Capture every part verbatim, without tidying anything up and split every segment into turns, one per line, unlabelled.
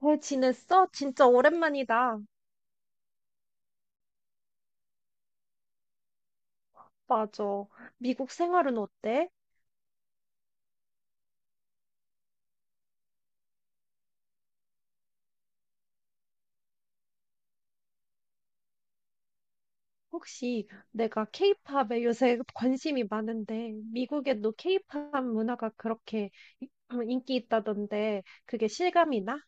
잘 지냈어? 진짜 오랜만이다. 맞아. 미국 생활은 어때? 혹시 내가 케이팝에 요새 관심이 많은데, 미국에도 케이팝 문화가 그렇게 이- 음, 인기 있다던데, 그게 실감이 나?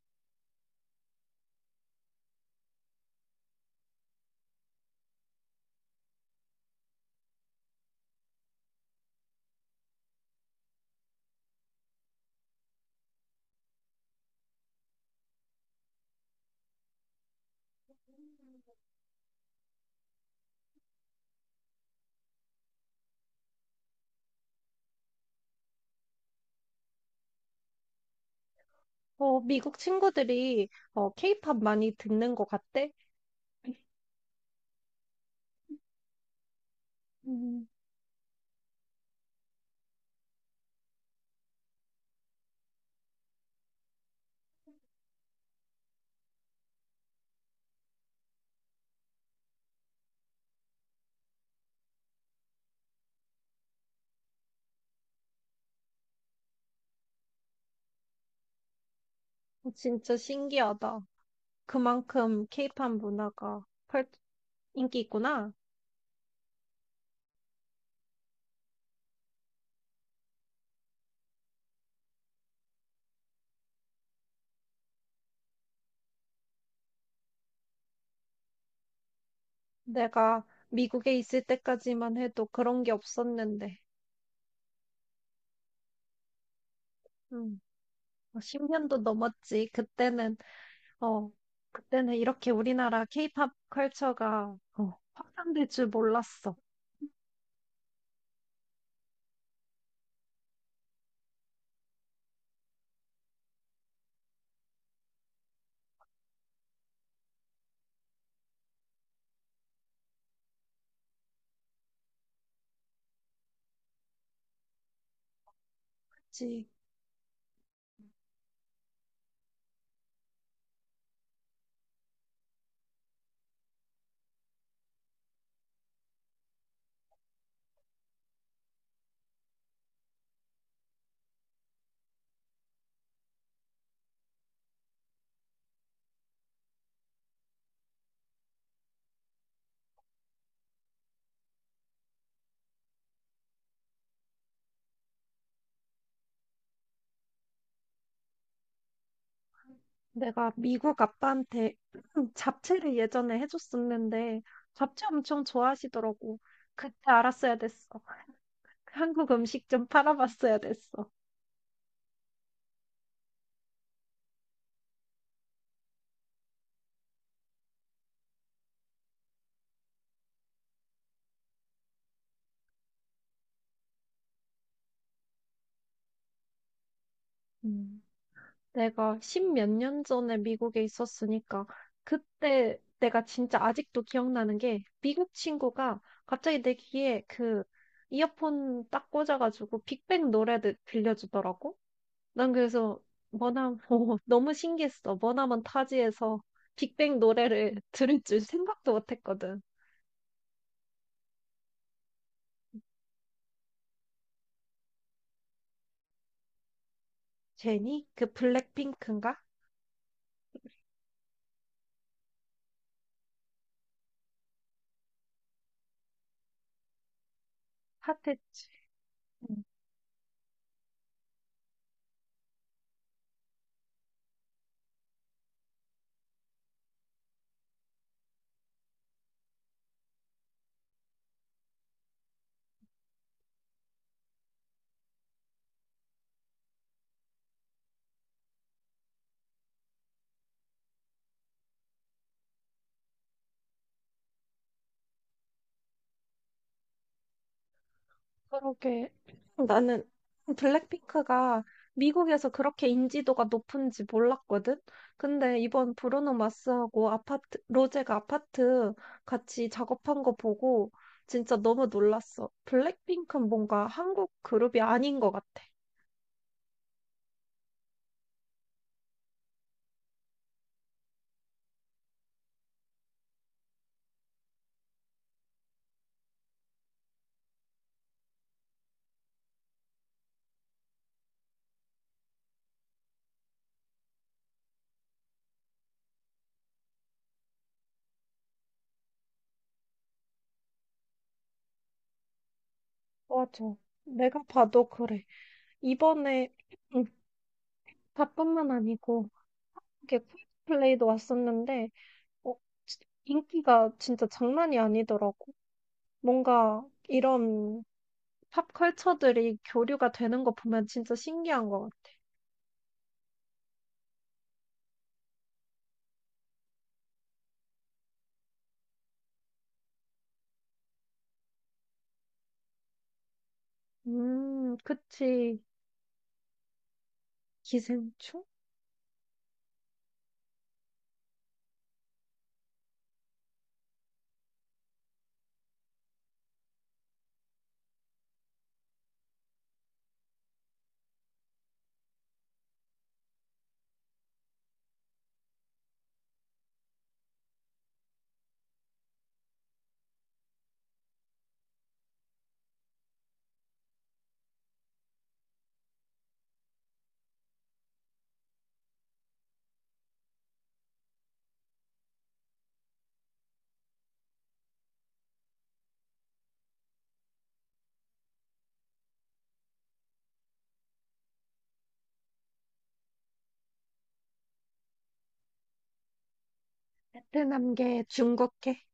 어, 미국 친구들이 어, 케이팝 많이 듣는 것 같대? 음, 진짜 신기하다. 그만큼 케이팝 문화가 펄- 인기 있구나. 내가 미국에 있을 때까지만 해도 그런 게 없었는데. 음. 어, 십 년도 넘었지. 그때는, 어, 그때는 이렇게 우리나라 케이팝 컬처가 어, 확산될 줄 몰랐어. 그치. 내가 미국 아빠한테 잡채를 예전에 해줬었는데, 잡채 엄청 좋아하시더라고. 그때 알았어야 됐어. 한국 음식 좀 팔아봤어야 됐어. 음. 내가 십 몇 년 전에 미국에 있었으니까 그때 내가 진짜 아직도 기억나는 게 미국 친구가 갑자기 내 귀에 그 이어폰 딱 꽂아가지고 빅뱅 노래를 들려주더라고. 난 그래서 머나먼 너무 신기했어. 머나먼 타지에서 빅뱅 노래를 들을 줄 생각도 못했거든. 제니? 그 블랙핑크인가? 핫했지. 응. 그러게. 나는 블랙핑크가 미국에서 그렇게 인지도가 높은지 몰랐거든? 근데 이번 브루노 마스하고 아파트, 로제가 아파트 같이 작업한 거 보고 진짜 너무 놀랐어. 블랙핑크는 뭔가 한국 그룹이 아닌 것 같아. 맞아. 내가 봐도 그래. 이번에, 음, 다뿐만 아니고, 이렇게 플레이도 왔었는데, 어, 지- 인기가 진짜 장난이 아니더라고. 뭔가 이런 팝컬처들이 교류가 되는 거 보면 진짜 신기한 것 같아. 음, 그치. 기생충? 베트남계, 중국계.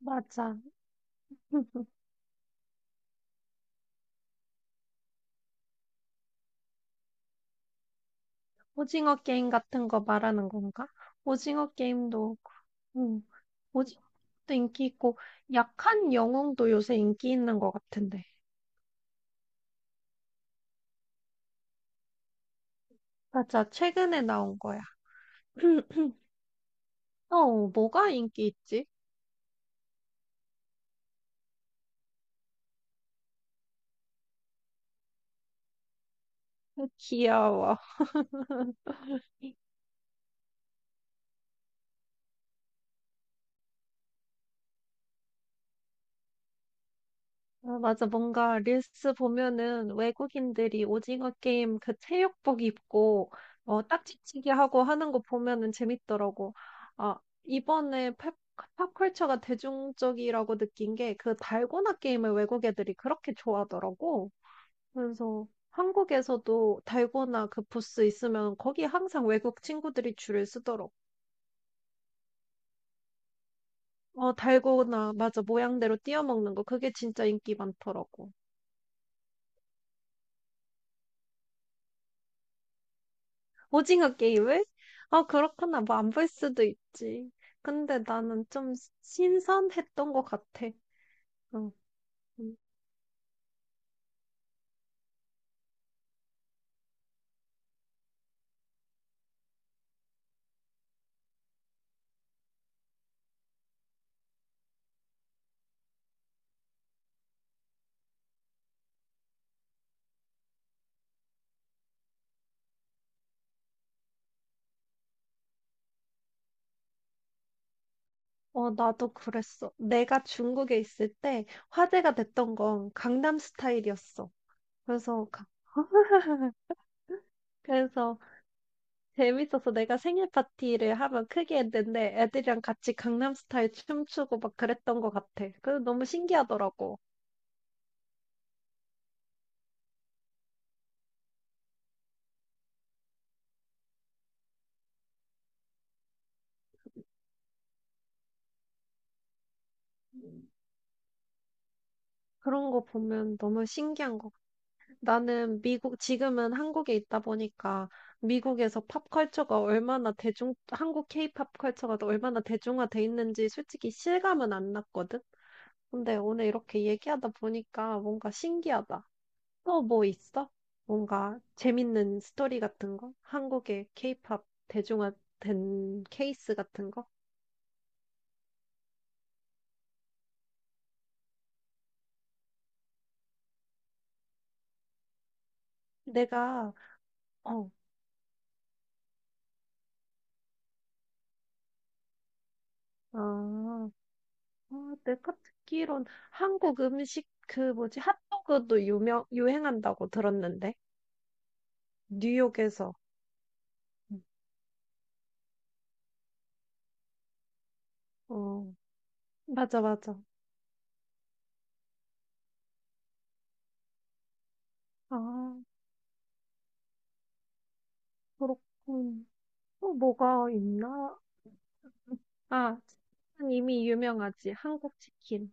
맞아. 오징어 게임 같은 거 말하는 건가? 오징어 게임도, 음, 오징어도 인기 있고, 약한 영웅도 요새 인기 있는 것 같은데. 맞아, 최근에 나온 거야. 어, 뭐가 인기 있지? 귀여워. 아, 맞아. 뭔가 릴스 보면은 외국인들이 오징어 게임 그 체육복 입고 어, 딱지치기 하고 하는 거 보면은 재밌더라고. 아, 이번에 팝, 팝컬처가 대중적이라고 느낀 게 그 달고나 게임을 외국 애들이 그렇게 좋아하더라고. 그래서 한국에서도 달고나 그 부스 있으면 거기 항상 외국 친구들이 줄을 서더라고. 어, 달고나, 맞아. 모양대로 띄워 먹는 거. 그게 진짜 인기 많더라고. 오징어 게임을? 아, 그렇구나. 뭐 안 볼 수도 있지. 근데 나는 좀 신선했던 것 같아. 응. 응. 어, 나도 그랬어. 내가 중국에 있을 때 화제가 됐던 건 강남 스타일이었어. 그래서, 가- 그래서 재밌어서 내가 생일 파티를 하면 크게 했는데 애들이랑 같이 강남 스타일 춤추고 막 그랬던 것 같아. 그래서 너무 신기하더라고. 그런 거 보면 너무 신기한 거. 나는 미국, 지금은 한국에 있다 보니까 미국에서 팝컬처가 얼마나 대중, 한국 케이팝 컬처가 얼마나 대중화돼 있는지 솔직히 실감은 안 났거든? 근데 오늘 이렇게 얘기하다 보니까 뭔가 신기하다. 또 뭐 있어? 뭔가 재밌는 스토리 같은 거? 한국의 케이팝 대중화된 케이스 같은 거? 내가, 어, 아, 아, 내가 듣기론 한국 음식 그 뭐지 핫도그도 유명 유행한다고 들었는데 뉴욕에서 음. 어 맞아 맞아 아 그렇군 또 뭐가 있나 아 치킨은 이미 유명하지 한국 치킨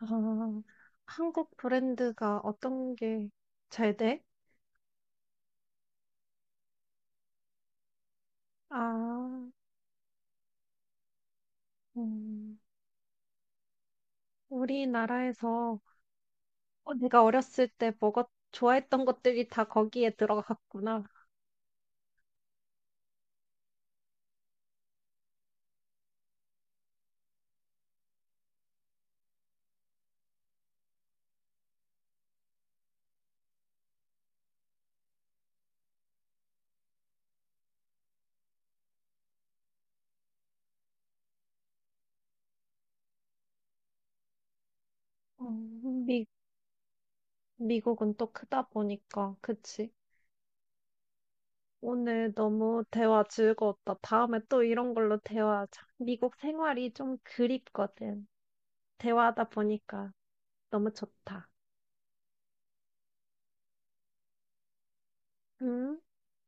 아 한국 브랜드가 어떤 게 잘 돼? 아 음, 우리나라에서 어, 내가 어렸을 때 먹었 좋아했던 것들이 다 거기에 들어갔구나. 어, 미, 미국은 또 크다 보니까, 그치? 오늘 너무 대화 즐거웠다. 다음에 또 이런 걸로 대화하자. 미국 생활이 좀 그립거든. 대화하다 보니까 너무 좋다. 응?